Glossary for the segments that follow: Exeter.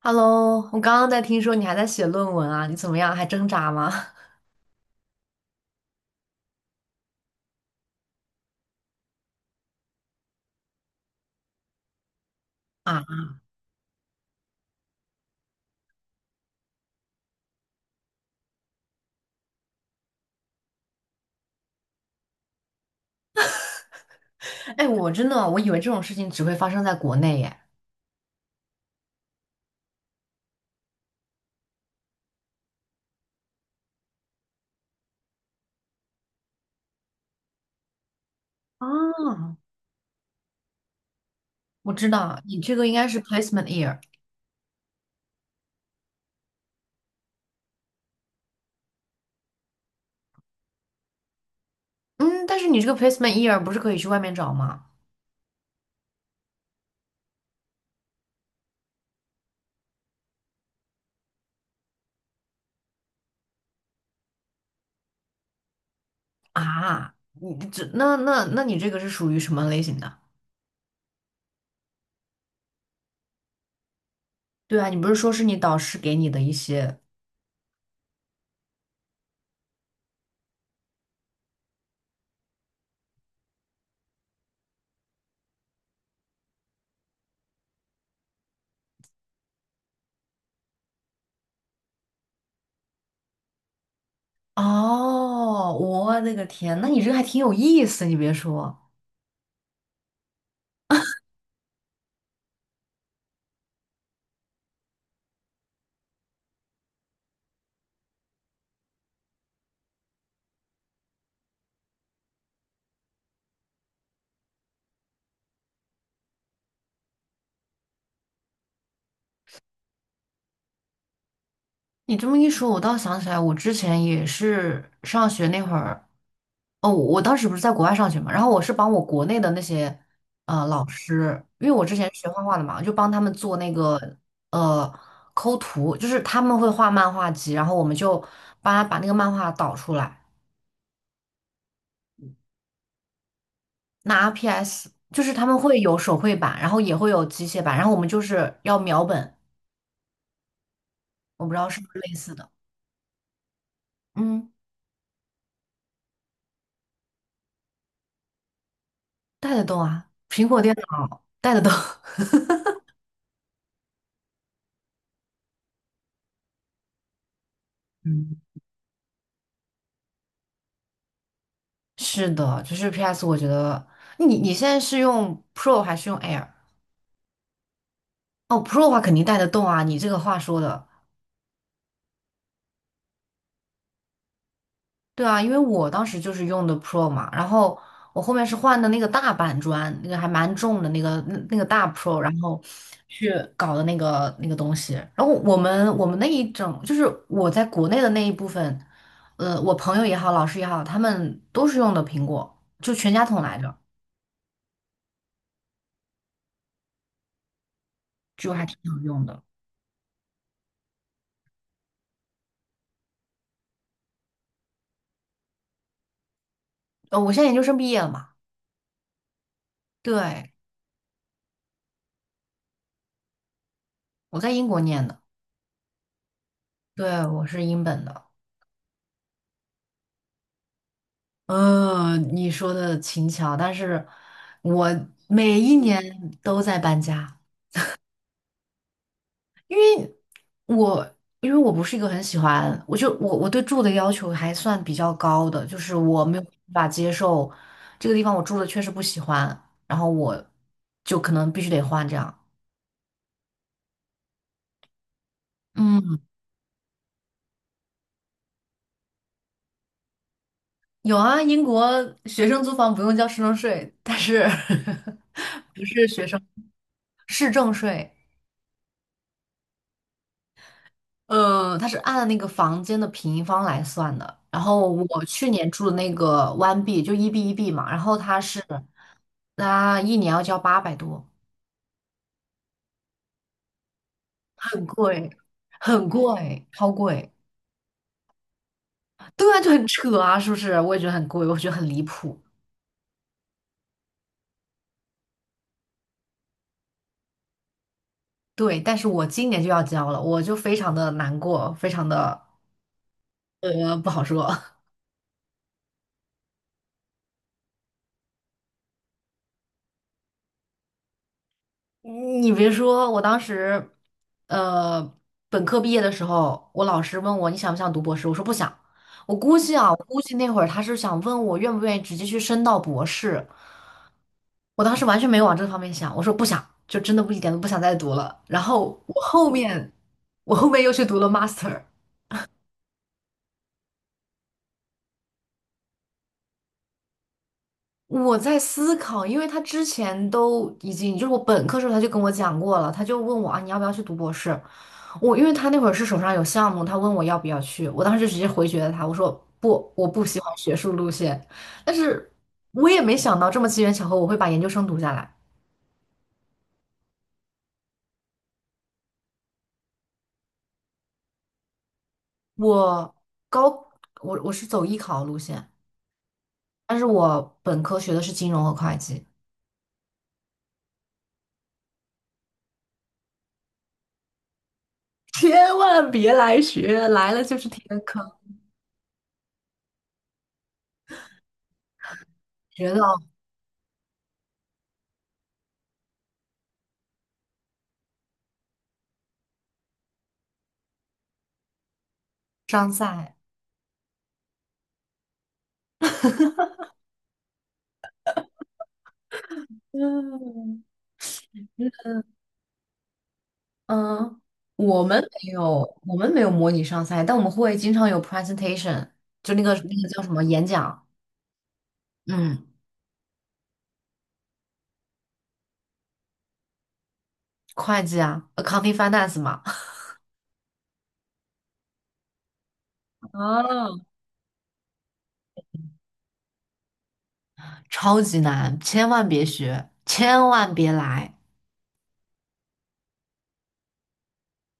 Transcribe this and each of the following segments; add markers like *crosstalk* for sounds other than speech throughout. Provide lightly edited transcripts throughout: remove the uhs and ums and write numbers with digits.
Hello,我刚刚在听说你还在写论文啊，你怎么样？还挣扎吗？*laughs* 啊，哎，我真的，我以为这种事情只会发生在国内耶。啊，我知道，你这个应该是 placement year。嗯，但是你这个 placement year 不是可以去外面找吗？啊，你这那你这个是属于什么类型的？对啊，你不是说是你导师给你的一些？哦，我的个天，那你这个还挺有意思，你别说。你这么一说，我倒想起来，我之前也是上学那会儿，哦，我当时不是在国外上学嘛，然后我是帮我国内的那些老师，因为我之前是学画画的嘛，就帮他们做那个呃抠图，就是他们会画漫画集，然后我们就帮他把那个漫画导出来，拿 PS，就是他们会有手绘版，然后也会有机械版，然后我们就是要描本，我不知道是不是类似的。嗯，带得动啊，苹果电脑带得动。*laughs* 嗯，是的，就是 PS，我觉得你现在是用 Pro 还是用 Air？哦，Pro 的话肯定带得动啊，你这个话说的。对啊，因为我当时就是用的 Pro 嘛，然后我后面是换的那个大板砖，那个还蛮重的那个大 Pro，然后去搞的那个东西，然后我们那一整就是我在国内的那一部分，我朋友也好，老师也好，他们都是用的苹果，就全家桶来着，就还挺好用的。我现在研究生毕业了嘛。对，我在英国念的。对，我是英本的。你说的轻巧，但是我每一年都在搬家。我因为我不是一个很喜欢，我就我我对住的要求还算比较高的，就是我没有办法接受这个地方我住的确实不喜欢，然后我就可能必须得换这样。嗯，有啊，英国学生租房不用交市政税，但是 *laughs* 不是学生，市政税。它是按那个房间的平方来算的。然后我去年住的那个 One B 就一 B 一 B 嘛，然后它是，它一年要交800多，很贵，很贵，超贵。对啊，就很扯啊，是不是？我也觉得很贵，我觉得很离谱。对，但是我今年就要交了，我就非常的难过，非常的不好说。你别说，我当时，呃，本科毕业的时候，我老师问我你想不想读博士，我说不想。我估计啊，我估计那会儿他是想问我愿不愿意直接去升到博士。我当时完全没往这方面想，我说不想，就真的不一点都不想再读了。然后我后面，我后面又去读了 master。我在思考，因为他之前都已经，就是我本科时候他就跟我讲过了，他就问我啊，你要不要去读博士？我因为他那会儿是手上有项目，他问我要不要去，我当时就直接回绝了他，我说不，我不喜欢学术路线。但是我也没想到这么机缘巧合，我会把研究生读下来。我高，我是走艺考路线，但是我本科学的是金融和会计。千万别来学，来了就是填坑，学到伤赛。嗯。嗯，我们没有，我们没有模拟上赛，但我们会经常有 presentation，就那个叫什么演讲。嗯，会计啊，accounting finance 嘛。*laughs* 啊，超级难，千万别学，千万别来。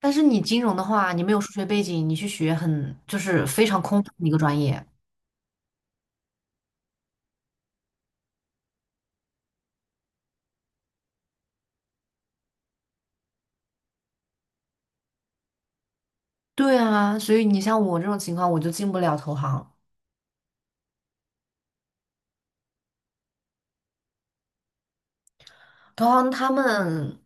但是你金融的话，你没有数学背景，你去学很就是非常空泛的一个专业。对啊，所以你像我这种情况，我就进不了投行。投行他们，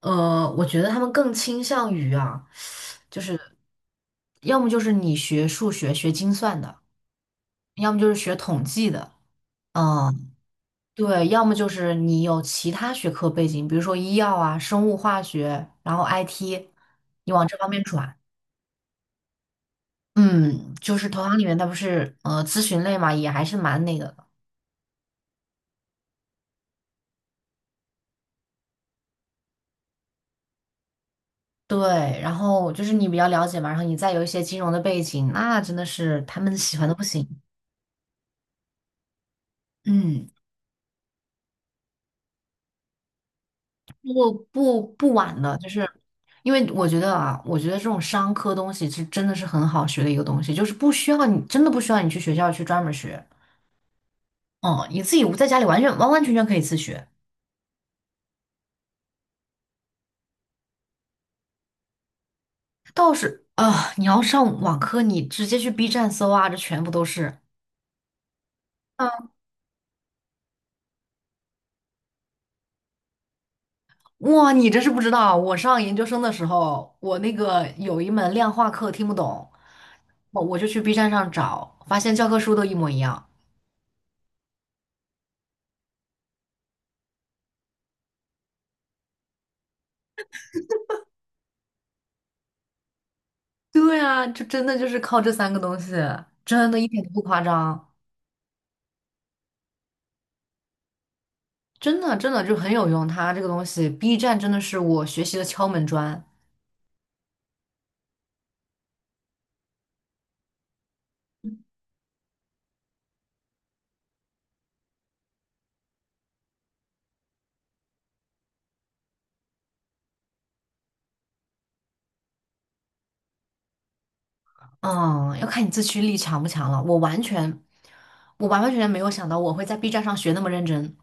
我觉得他们更倾向于啊。就是要么就是你学数学、学精算的，要么就是学统计的。嗯，对，要么就是你有其他学科背景，比如说医药啊、生物化学，然后 IT，你往这方面转。嗯，就是投行里面它不是咨询类嘛，也还是蛮那个的。对，然后就是你比较了解嘛，然后你再有一些金融的背景，那真的是他们喜欢的不行。嗯。不不不晚的，就是因为我觉得啊，我觉得这种商科东西是真的是很好学的一个东西，就是不需要你真的不需要你去学校去专门学。嗯，你自己在家里完全完完全全可以自学。倒是啊，你要上网课，你直接去 B 站搜啊，这全部都是。嗯，哇，你这是不知道，我上研究生的时候，我那个有一门量化课听不懂，我就去 B 站上找，发现教科书都一模一样。对啊，就真的就是靠这三个东西，真的一点都不夸张，真的真的就很有用。它这个东西，B 站真的是我学习的敲门砖。嗯，要看你自驱力强不强了。我完全，我完完全全没有想到我会在 B 站上学那么认真。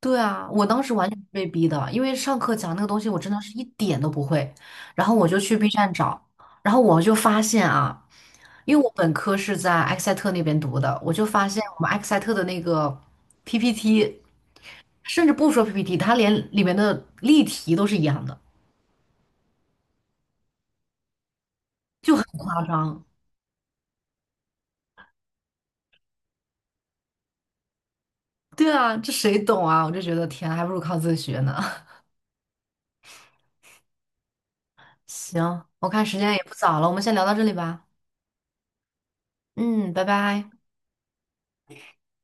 对啊，我当时完全是被逼的，因为上课讲那个东西我真的是一点都不会，然后我就去 B 站找，然后我就发现啊，因为我本科是在埃克塞特那边读的，我就发现我们埃克塞特的那个 PPT。甚至不说 PPT，它连里面的例题都是一样的，就很夸张。对啊，这谁懂啊？我就觉得天啊，还不如靠自学呢。*laughs* 行，我看时间也不早了，我们先聊到这里吧。嗯，拜拜。